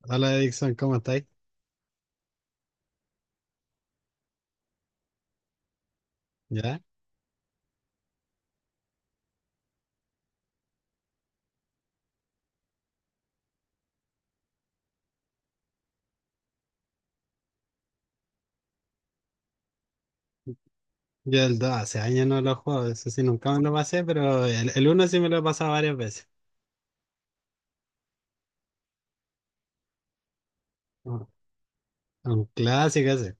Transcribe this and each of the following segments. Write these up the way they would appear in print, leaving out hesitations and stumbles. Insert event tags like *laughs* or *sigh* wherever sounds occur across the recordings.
Hola Dixon, ¿cómo estáis? ¿Ya? Yo el 2 hace años no lo juego, eso sí, nunca me lo pasé, pero el 1 sí me lo he pasado varias veces. Un un clásico ese.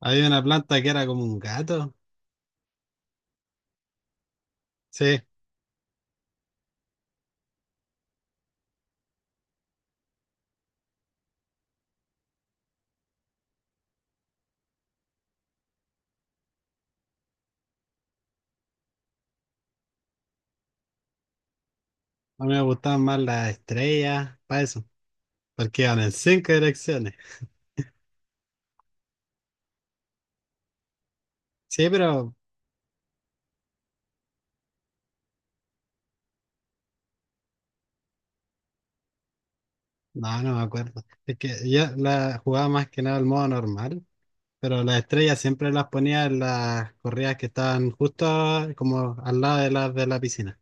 Había una planta que era como un gato. Sí, a mí me gustaban más las estrellas, para eso, porque iban en cinco direcciones. Sí, pero no, no me acuerdo. Es que yo la jugaba más que nada al modo normal, pero las estrellas siempre las ponía en las corridas que estaban justo como al lado de las de la piscina.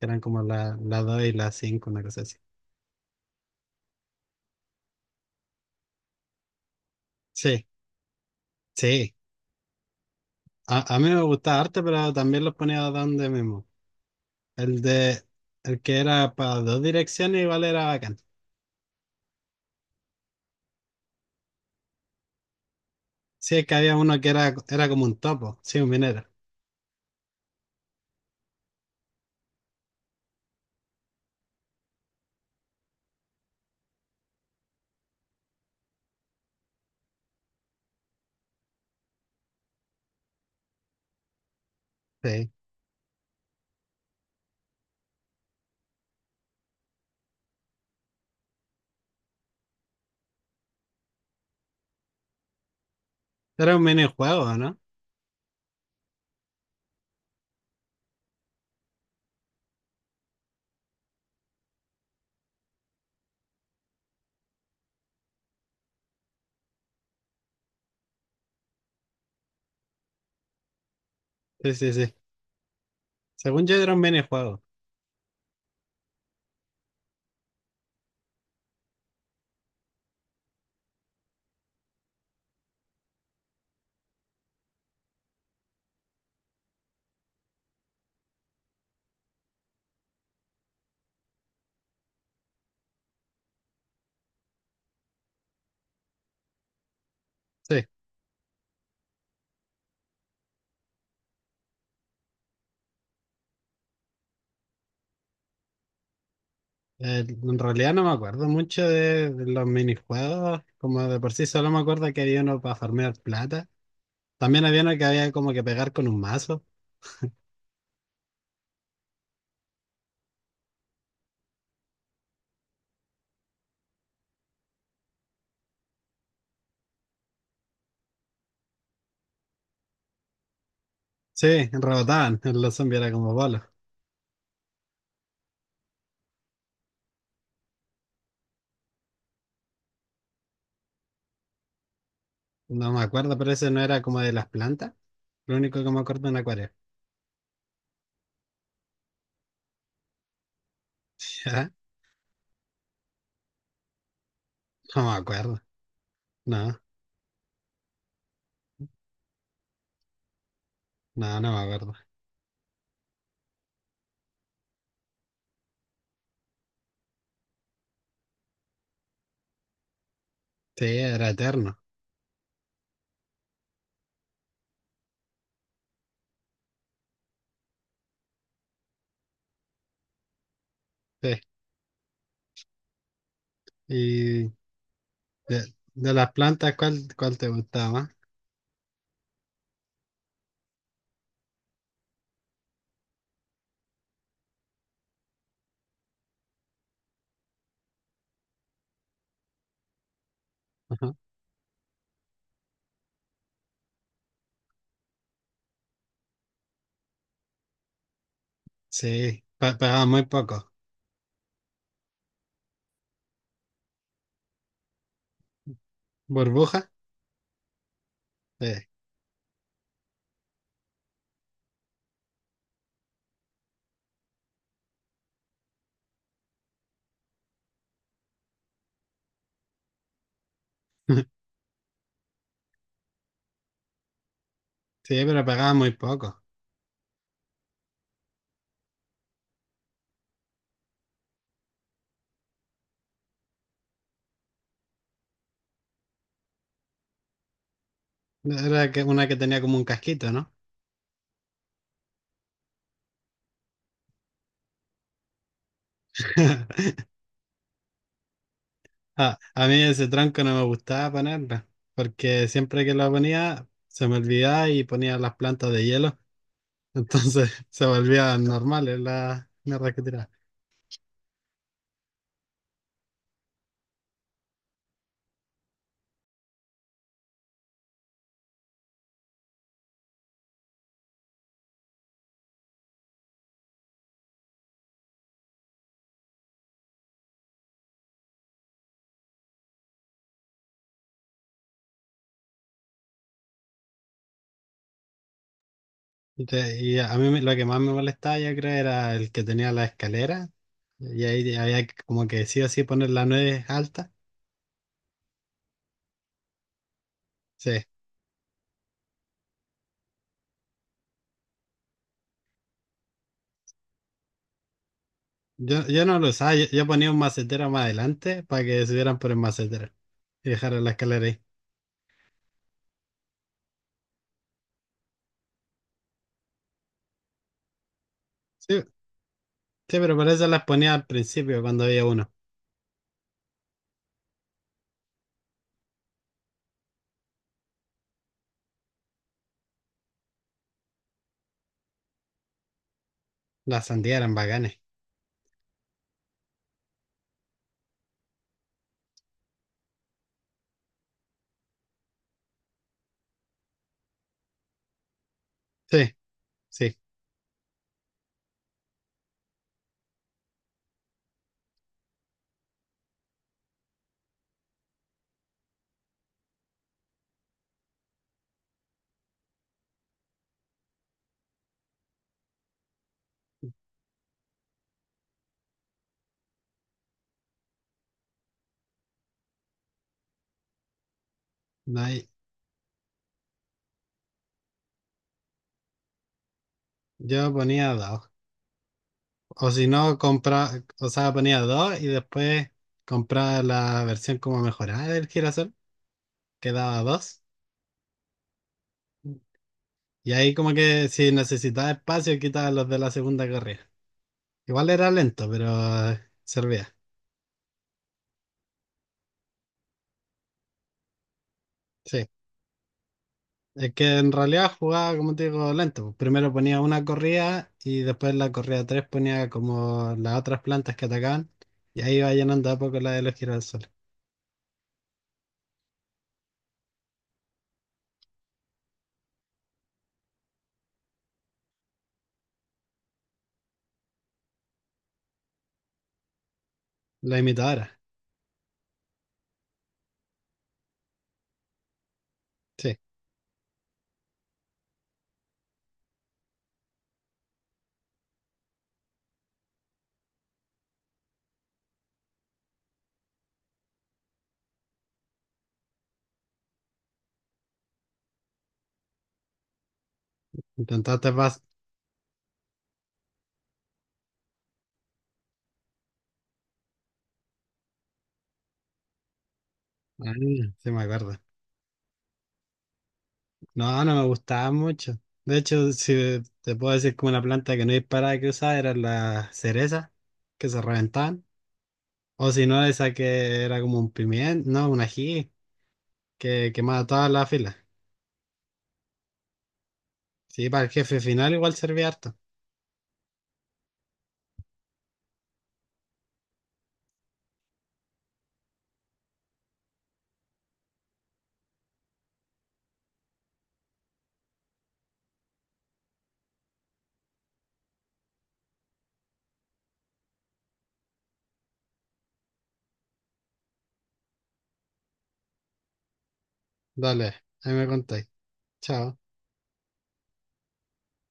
Eran como la 2 y la cinco, una cosa así. Sí, sí. A mí me gustaba arte, pero también los ponía donde mismo. El de, el que era para dos direcciones igual era bacán. Sí, es que había uno que era, era como un topo, sí, un minero. Sí. Era un minijuego, ¿no? Sí, sí, sí. Según yo era un minijuego. Sí. En realidad no me acuerdo mucho de los minijuegos. Como de por sí solo me acuerdo que había uno para farmear plata. También había uno que había como que pegar con un mazo. Sí, rebotaban. *laughs* Los zombies era como bolos. No me acuerdo, pero ese no era como de las plantas. Lo único que me acuerdo en acuario. *laughs* ¿Ya? No me acuerdo. No, no, no me acuerdo. Sí, era eterno. Sí. Y de las plantas, ¿cuál te gustaba más? Ajá. Sí, pagaba muy poco. ¿Burbuja? Sí. *laughs* Sí, pero pagaba muy poco. Era que una que tenía como un casquito, ¿no? *laughs* Ah, a mí ese tranco no me gustaba ponerla, porque siempre que la ponía se me olvidaba y ponía las plantas de hielo, entonces *laughs* se volvían normales las mierdas que tiraba. Lo que más me molestaba yo creo era el que tenía la escalera y ahí como que sí o sí poner la nuez alta. Sí, yo no lo usaba, yo ponía un macetero más adelante para que subieran por el macetero y dejaran la escalera ahí. Sí, sí, pero por eso las ponía al principio cuando había uno. Las sandías eran bacanes. Sí. Sí, no hay- yo ponía dos. O si no, compra, o sea, ponía dos y después compraba la versión como mejorada del girasol, que daba dos. Y ahí como que si necesitaba espacio, quitaba los de la segunda carrera. Igual era lento, pero servía. Sí. Es que en realidad jugaba, como te digo, lento. Primero ponía una corrida y después la corrida tres ponía como las otras plantas que atacaban. Y ahí iba llenando a poco la de los girasoles. La imitadora. Sí. Intentaste pas- Ah, sí me acuerdo. No, no me gustaba mucho. De hecho, si te puedo decir como una planta que no disparaba que usaba era la cereza, que se reventaban. O si no, esa que era como un pimiento, no, un ají, que quemaba toda la fila. Sí, para el jefe final igual servía harto. Dale, ahí me contáis. Chao.